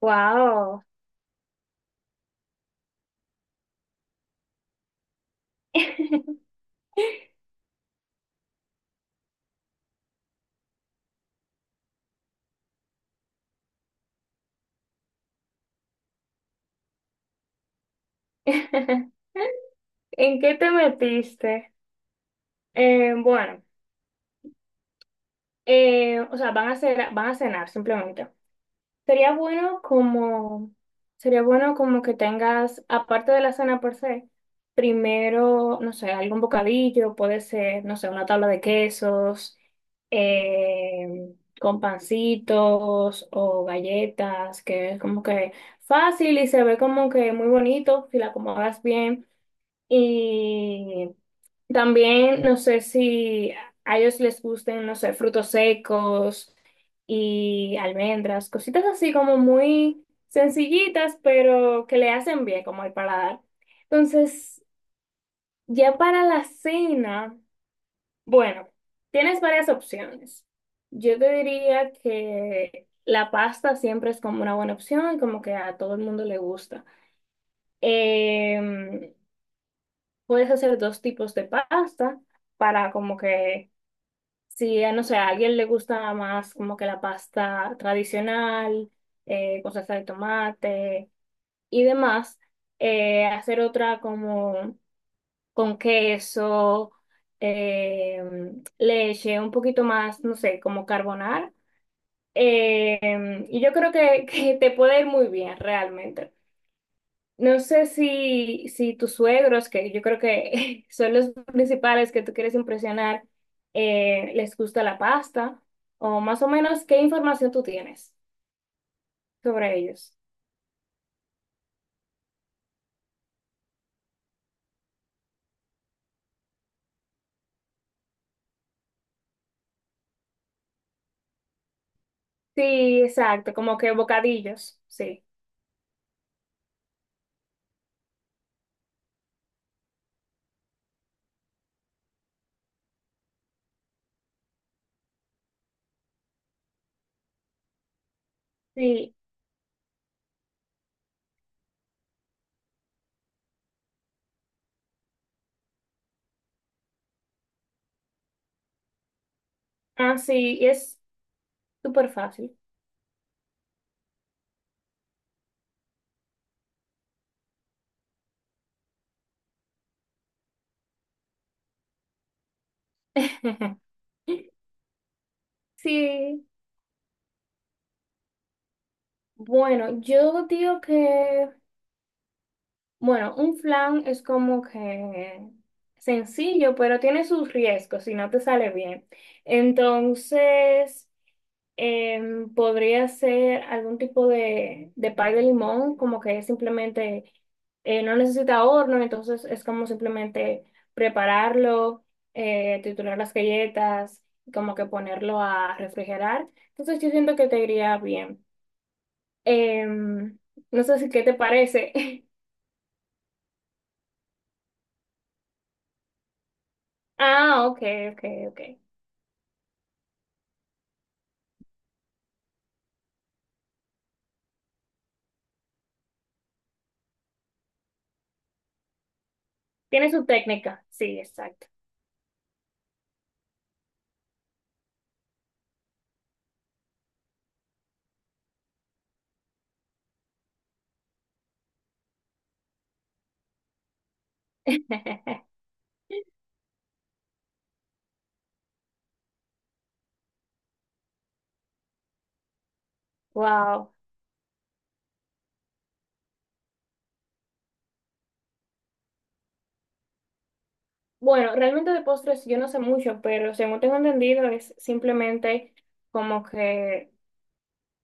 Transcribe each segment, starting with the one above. Wow. ¿En qué te metiste? Eh, bueno, o sea, van a cenar simplemente. Sería bueno como, Sería bueno como que tengas, aparte de la cena por se, primero, no sé, algún bocadillo, puede ser, no sé, una tabla de quesos, eh, con pancitos o galletas, que es como que fácil y se ve como que muy bonito si la acomodas bien. Y también no sé si a ellos les gusten, no sé, frutos secos y almendras, cositas así como muy sencillitas, pero que le hacen bien como al paladar. Entonces, ya para la cena, bueno, tienes varias opciones. Yo te diría que la pasta siempre es como una buena opción, como que a todo el mundo le gusta. Em, Puedes hacer dos tipos de pasta para como que, si, no sé, a alguien le gusta más como que la pasta tradicional, con salsa de tomate y demás, hacer otra como con queso, eh, leche, un poquito más, no sé, como carbonar. Y yo creo que, que te puede ir muy bien realmente. No sé si tus suegros, que yo creo que son los principales que tú quieres impresionar, les gusta la pasta, o más o menos qué información tú tienes sobre ellos. Sí, exacto, como que bocadillos, sí. Sí, ah, sí, y es súper fácil. Sí, bueno, yo digo que, bueno, un flan es como que sencillo, pero tiene sus riesgos si no te sale bien. Entonces... Podría ser algún tipo de pay de limón, como que es simplemente no necesita horno, entonces es como simplemente prepararlo, triturar las galletas, como que ponerlo a refrigerar. Entonces yo siento que te iría bien. Em, no sé si qué te parece. Ah, ok, ok, ok. Tiene su técnica. Sí, exacto. Wow. Bueno, realmente de postres yo no sé mucho, pero según tengo entendido es simplemente como que,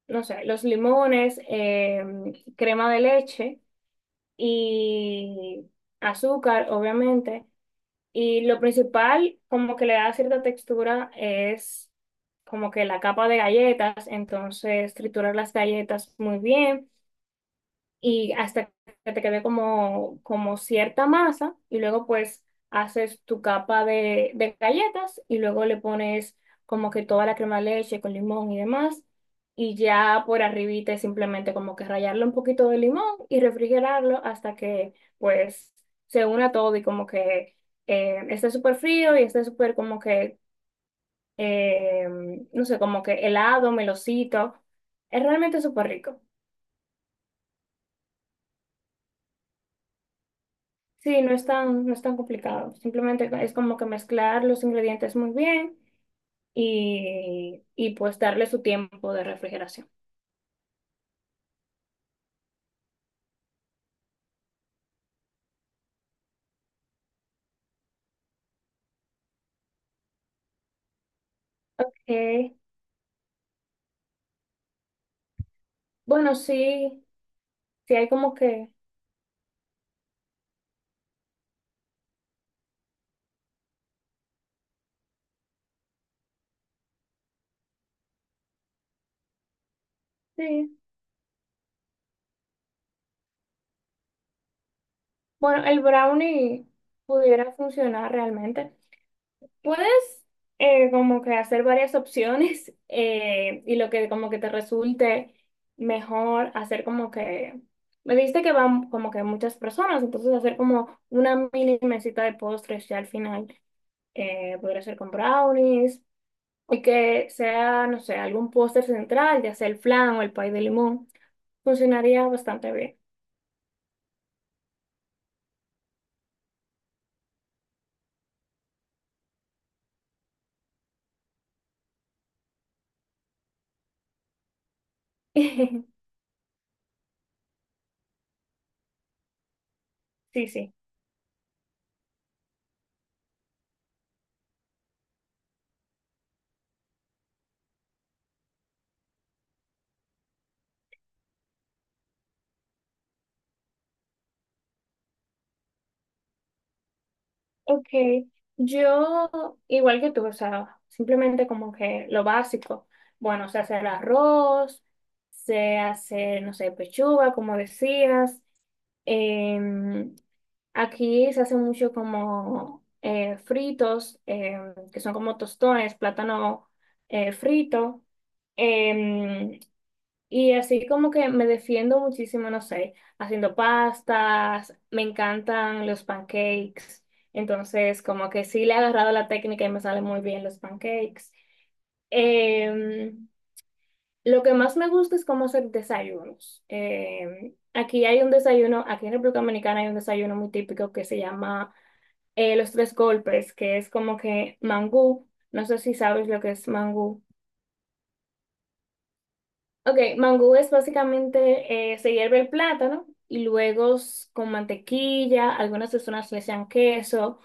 no sé, los limones, crema de leche y azúcar, obviamente. Y lo principal, como que le da cierta textura, es como que la capa de galletas, entonces triturar las galletas muy bien y hasta que te quede como, como cierta masa y luego pues haces tu capa de galletas y luego le pones como que toda la crema de leche con limón y demás y ya por arribita es simplemente como que rallarle un poquito de limón y refrigerarlo hasta que pues se una todo y como que esté súper frío y esté súper como que eh, no sé, como que helado, melocito. Es realmente súper rico. Sí, no es tan complicado. Simplemente es como que mezclar los ingredientes muy bien y pues darle su tiempo de refrigeración. Ok. Bueno, sí, sí hay como que, sí. Bueno, el brownie pudiera funcionar realmente. Puedes como que hacer varias opciones y lo que como que te resulte mejor hacer como que, me dijiste que van como que muchas personas, entonces hacer como una mini mesita de postres ya al final podría ser con brownies y que sea, no sé, algún postre central, ya sea el flan o el pay de limón, funcionaría bastante bien. Sí, sí. Ok, yo igual que tú, o sea, simplemente como que lo básico. Bueno, se hace el arroz, se hace, no sé, pechuga, como decías. Em, Aquí se hace mucho como fritos, que son como tostones, plátano frito. em, y así como que me defiendo muchísimo, no sé, haciendo pastas, me encantan los pancakes, entonces como que sí le he agarrado la técnica y me salen muy bien los pancakes. Em, lo que más me gusta es cómo hacer desayunos. Aquí hay un desayuno, aquí en República Dominicana hay un desayuno muy típico que se llama los tres golpes, que es como que mangú, no sé si sabes lo que es mangú. Ok, mangú es básicamente, se hierve el plátano y luego con mantequilla, algunas personas le echan queso,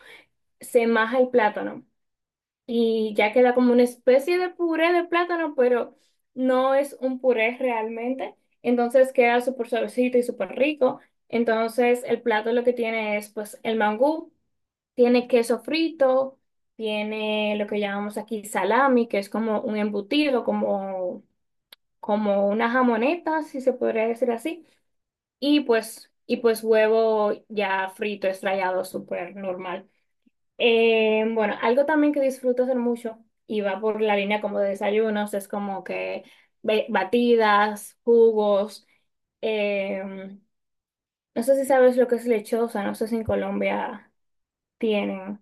se maja el plátano y ya queda como una especie de puré de plátano, pero no es un puré realmente, entonces queda súper suavecito y súper rico. Entonces el plato lo que tiene es pues el mangú, tiene queso frito, tiene lo que llamamos aquí salami, que es como un embutido, como una jamoneta, si se podría decir así, y pues huevo ya frito, estrellado, súper normal. Bueno, algo también que disfruto hacer mucho y va por la línea como de desayunos, es como que batidas, jugos. eh, no sé si sabes lo que es lechosa, no sé si en Colombia tienen.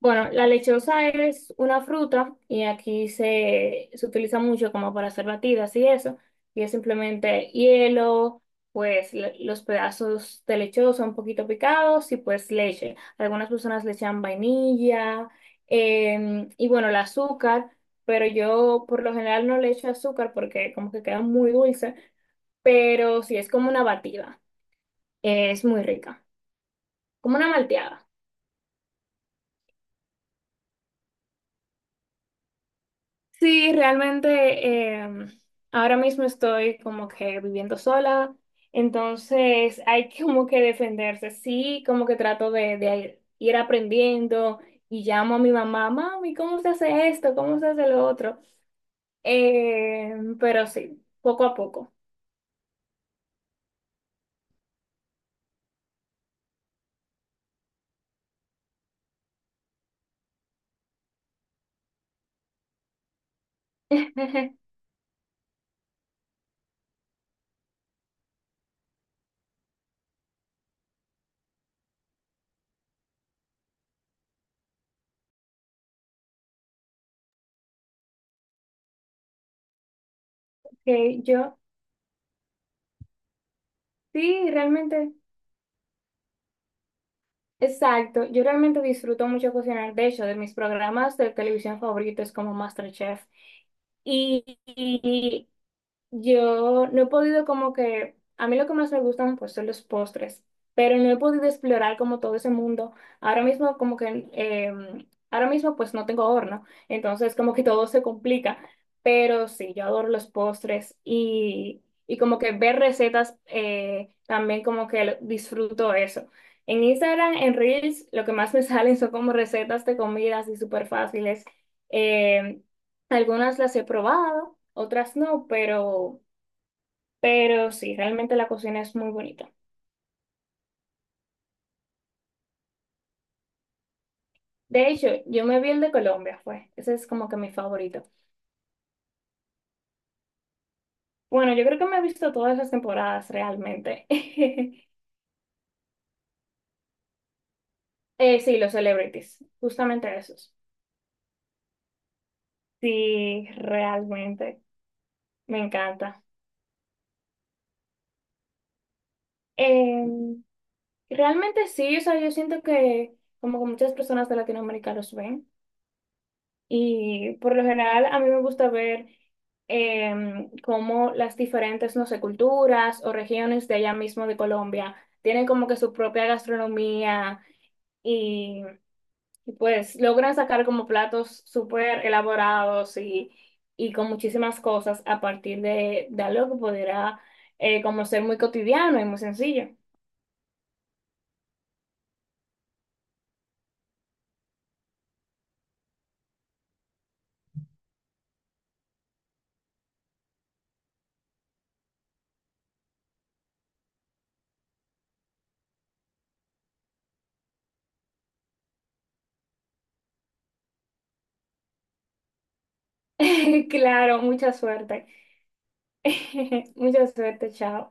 Bueno, la lechosa es una fruta y aquí se utiliza mucho como para hacer batidas y eso. Y es simplemente hielo, pues los pedazos de lechosa un poquito picados y pues leche. Algunas personas le echan vainilla y bueno, el azúcar, pero yo por lo general no le echo azúcar porque como que queda muy dulce, pero sí es como una batida. Es muy rica, como una malteada. Sí, realmente em, ahora mismo estoy como que viviendo sola, entonces hay que como que defenderse. Sí, como que trato de ir aprendiendo y llamo a mi mamá, mami, ¿cómo se hace esto? ¿Cómo se hace lo otro? Pero sí, poco a poco. Que yo, sí, realmente, exacto. Yo realmente disfruto mucho cocinar. De hecho, de mis programas de televisión favoritos como MasterChef. Y, yo no he podido como que, a mí lo que más me gustan pues son los postres, pero no he podido explorar como todo ese mundo. Ahora mismo como que, ahora mismo pues no tengo horno, entonces como que todo se complica, pero sí, yo adoro los postres y como que ver recetas también como que disfruto eso. En Instagram, en Reels, lo que más me salen son como recetas de comidas y súper fáciles. Eh, Algunas las he probado otras no, pero sí, realmente la cocina es muy bonita. De hecho, yo me vi el de Colombia, fue. Ese es como que mi favorito. Bueno, yo creo que me he visto todas las temporadas realmente. Sí, los celebrities, justamente esos. Sí, realmente, me encanta. Eh, Realmente sí, o sea, yo siento que como que muchas personas de Latinoamérica los ven. Y por lo general a mí me gusta ver cómo las diferentes, no sé, culturas o regiones de allá mismo de Colombia tienen como que su propia gastronomía y, y, pues logran sacar como platos súper elaborados y con muchísimas cosas a partir de algo que pudiera como ser muy cotidiano y muy sencillo. Claro, mucha suerte. Mucha suerte, chao.